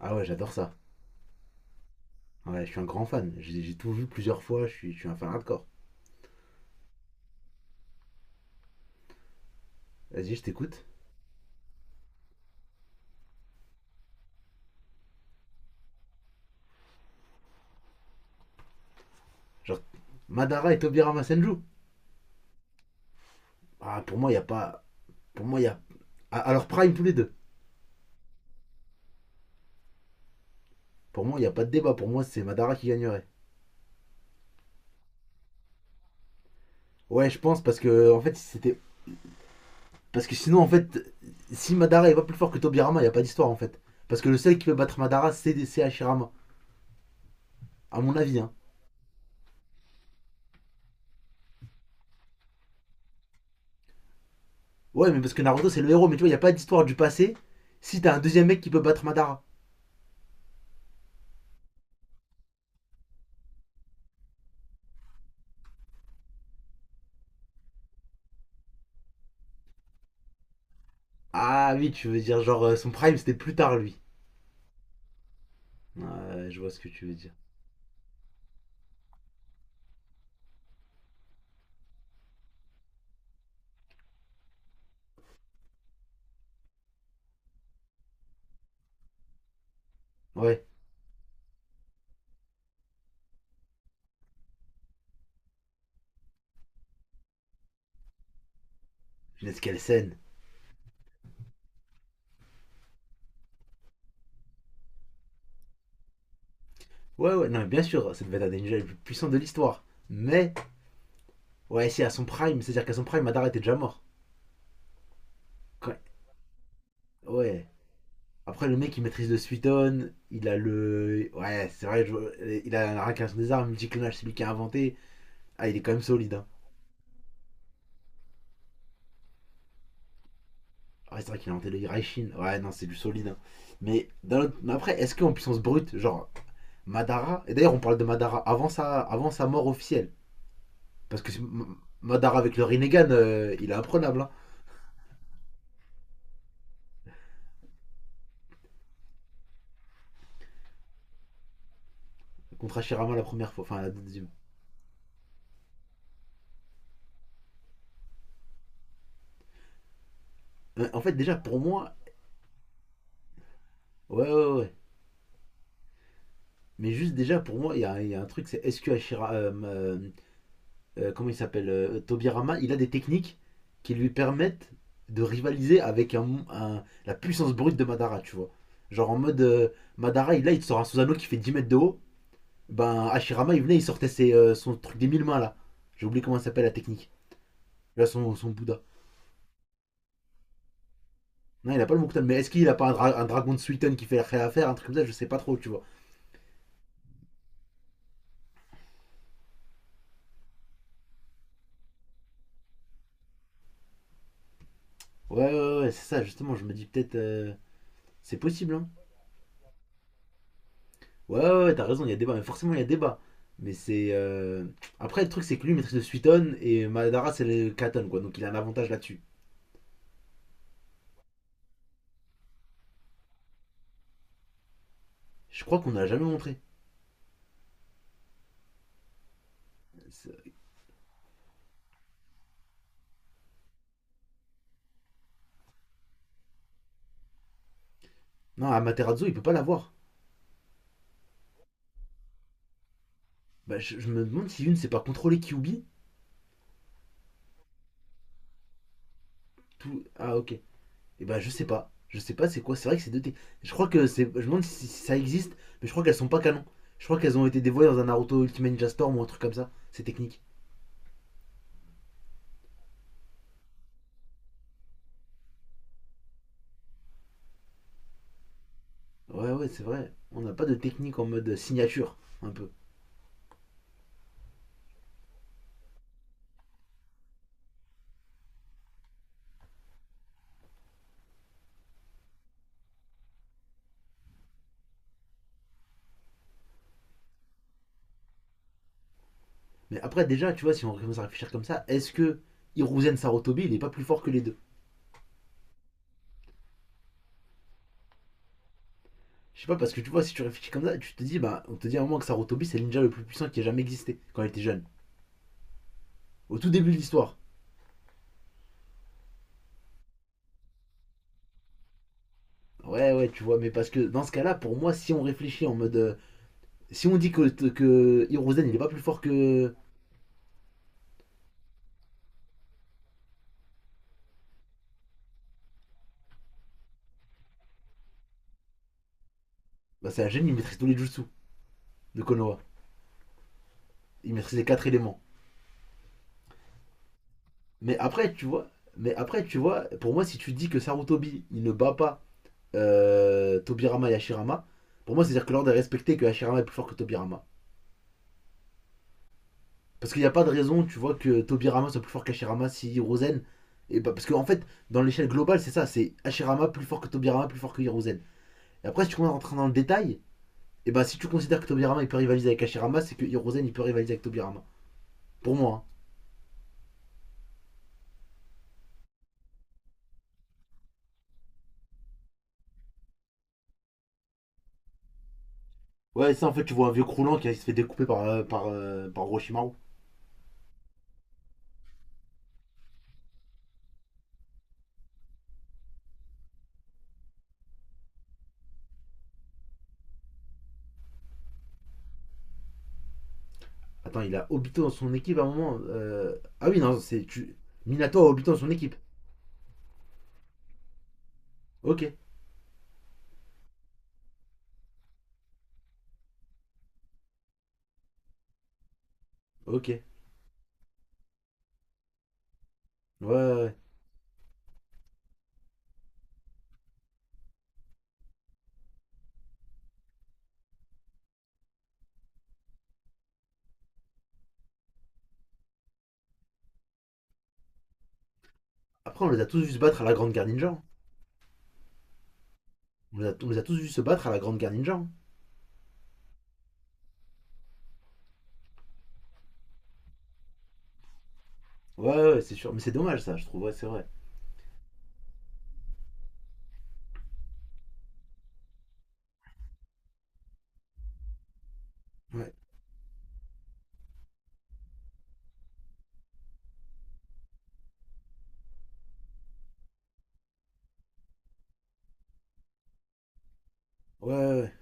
Ah ouais, j'adore ça. Ouais, je suis un grand fan. J'ai tout vu plusieurs fois, je suis un fan hardcore. Vas-y, je t'écoute. Genre, Madara et Tobirama Senju. Ah, pour moi, il n'y a pas. Pour moi, il y a. Ah, alors, Prime tous les deux. Pour moi, il n'y a pas de débat. Pour moi, c'est Madara qui gagnerait. Ouais, je pense, parce que, en fait, c'était. Parce que sinon, en fait, si Madara est pas plus fort que Tobirama, il n'y a pas d'histoire, en fait. Parce que le seul qui peut battre Madara, c'est Hashirama. À mon avis, hein. Ouais, mais parce que Naruto, c'est le héros, mais tu vois, il n'y a pas d'histoire du passé si t'as un deuxième mec qui peut battre Madara. Ah oui, tu veux dire, genre, son Prime, c'était plus tard, lui. Ouais, je vois ce que tu veux dire. Ouais, Vince Kelsen. Ouais, ouais, non, mais bien sûr, ça devait être un des ninjas les plus puissants de l'histoire. Mais, ouais, si, à son prime, c'est-à-dire qu'à son prime, Madara était déjà mort. Quand- Ouais. Après, le mec, il maîtrise le Suiton, il a le. Ouais, c'est vrai, il a la réincarnation des armes, multiclonage, c'est lui qui a inventé. Ah, il est quand même solide, hein. Ah, ouais, c'est vrai qu'il a inventé le Hiraishin. Ouais, non, c'est du solide, hein. Mais, mais après, est-ce qu'en puissance brute, genre, Madara, et d'ailleurs, on parle de Madara avant sa mort officielle. Parce que Madara avec le Rinnegan, il est imprenable, hein, contre Hashirama la première fois. Enfin, la deuxième. En fait, déjà, pour moi. Ouais, ouais, ouais. Mais juste déjà, pour moi, il y a, y a un truc, c'est est-ce que comment il s'appelle Tobirama, il a des techniques qui lui permettent de rivaliser avec un, la puissance brute de Madara, tu vois. Genre en mode. Madara, il, là, il te sort un Susanoo qui fait 10 mètres de haut. Ben, Hashirama, il venait, il sortait ses, son truc des mille mains, là. J'ai oublié comment ça s'appelle la technique. Là, son, son Bouddha. Non, il a pas le Mouktam, mais est-ce qu'il a pas un, un dragon de Suiten qui fait réaffaire, un truc comme ça, je sais pas trop, tu vois. Ouais, ouais, ouais, ouais, c'est ça, justement, je me dis peut-être. C'est possible, hein. Ouais, ouais, ouais, t'as raison, il y a débat, mais forcément, il y a débat. Mais c'est. Après, le truc, c'est que lui maîtrise le Suiton et Madara, c'est le Katon, quoi, donc il a un avantage là-dessus. Je crois qu'on ne l'a jamais montré. C'est- Non, Amaterasu, il peut pas l'avoir. Bah, je me demande si une, c'est pas contrôler Kyubi. Tout... Ah, ok. Et ben je sais pas. Je sais pas c'est quoi. C'est vrai que c'est deux T. Je crois que c'est. Je me demande si ça existe, mais je crois qu'elles sont pas canon. Je crois qu'elles ont été dévoilées dans un Naruto Ultimate Ninja Storm ou un truc comme ça. Ces techniques. Ouais, ouais, c'est vrai. On n'a pas de technique en mode signature un peu. Mais après déjà tu vois si on commence à réfléchir comme ça, est-ce que Hiruzen Sarutobi il est pas plus fort que les deux? Je sais pas parce que tu vois si tu réfléchis comme ça, tu te dis bah on te dit à un moment que Sarutobi c'est le ninja le plus puissant qui ait jamais existé quand il était jeune. Au tout début de l'histoire. Ouais, ouais, tu vois, mais parce que dans ce cas-là pour moi si on réfléchit en mode si on dit que, Hiruzen il est pas plus fort que. Bah, c'est un génie, il maîtrise tous les jutsu de Konoha. Il maîtrise les quatre éléments. Mais après, tu vois, mais après, tu vois, pour moi, si tu dis que Sarutobi il ne bat pas Tobirama et Hashirama, pour moi, c'est-à-dire que l'ordre est respecté que Hashirama est plus fort que Tobirama. Parce qu'il n'y a pas de raison, tu vois, que Tobirama soit plus fort qu'Hashirama si Hiruzen. Et bah, parce qu'en en fait, dans l'échelle globale, c'est ça, c'est Hashirama plus fort que Tobirama, plus fort que Hiruzen. Et après, si tu commences à rentrer dans le détail, et bah si tu considères que Tobirama il peut rivaliser avec Hashirama, c'est que Hiruzen il peut rivaliser avec Tobirama. Pour moi, hein. Ouais, ça en fait, tu vois un vieux croulant qui se fait découper par, par, par Orochimaru. Attends, il a Obito dans son équipe à un moment. Ah oui, non, c'est. Tu... Minato a Obito dans son équipe. Ok, ok. Ouais, ouais, ouais. Après, on les a tous vus se battre à la Grande Guerre Ninja, hein. On les a tous vus se battre à la Grande Guerre Ninja, hein. Ouais, ouais, ouais, c'est sûr. Mais c'est dommage, ça, je trouve. Ouais, c'est vrai. Ouais, ouais, ouais, ouais.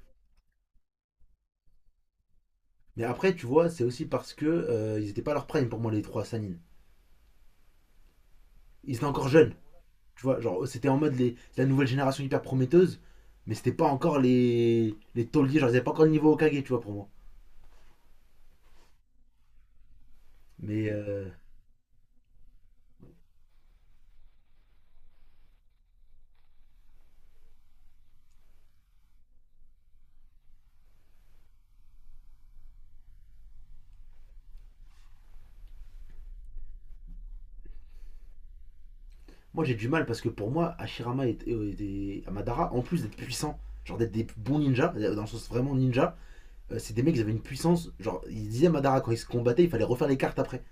Mais après, tu vois, c'est aussi parce que ils étaient pas à leur prime pour moi, les trois Sanin. Ils étaient encore jeunes. Tu vois, genre, c'était en mode les, la nouvelle génération hyper prometteuse, mais c'était pas encore les tauliers, genre, ils avaient pas encore le niveau Okage, tu vois, pour moi. Mais moi, j'ai du mal parce que pour moi, Hashirama et, et Amadara, en plus d'être puissants, genre d'être des bons ninjas, dans le sens vraiment ninja, c'est des mecs qui avaient une puissance. Genre, ils disaient à Amadara, quand ils se combattaient, il fallait refaire les cartes après.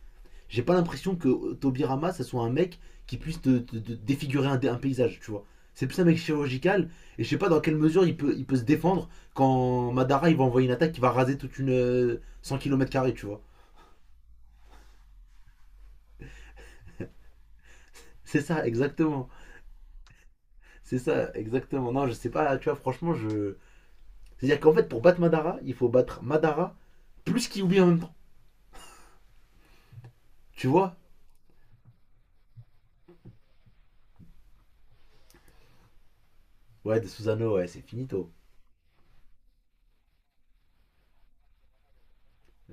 J'ai pas l'impression que Tobirama, ça soit un mec qui puisse te, te défigurer un paysage, tu vois. C'est plus un mec chirurgical, et je sais pas dans quelle mesure il peut se défendre quand Madara il va envoyer une attaque qui va raser toute une 100 km, tu vois. C'est ça, exactement. C'est ça, exactement. Non, je sais pas, tu vois, franchement, je. C'est-à-dire qu'en fait, pour battre Madara, il faut battre Madara plus Kyuubi en même temps, tu vois. Ouais, de Susanoo, ouais, c'est finito.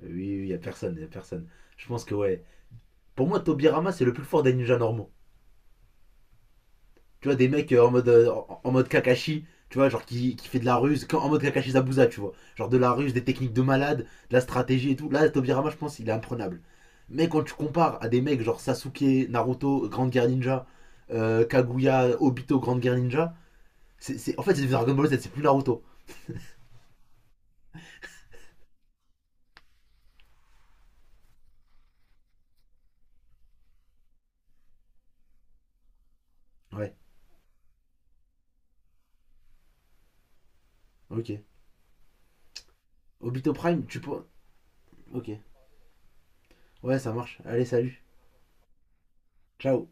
Oui, oui, y a personne, y a personne. Je pense que ouais. Pour moi, Tobirama, c'est le plus fort des ninjas normaux. Tu vois, des mecs en mode, en mode Kakashi, tu vois, genre qui fait de la ruse, en mode Kakashi Zabuza, tu vois. Genre de la ruse, des techniques de malade, de la stratégie et tout. Là, Tobirama, je pense, il est imprenable. Mais quand tu compares à des mecs genre Sasuke, Naruto, Grande Guerre Ninja, Kaguya, Obito, Grande Guerre Ninja, en fait, c'est Dragon Ball Z, c'est plus Naruto. Ouais, ok. Obito Prime, tu peux. Ok. Ouais, ça marche. Allez, salut. Ciao.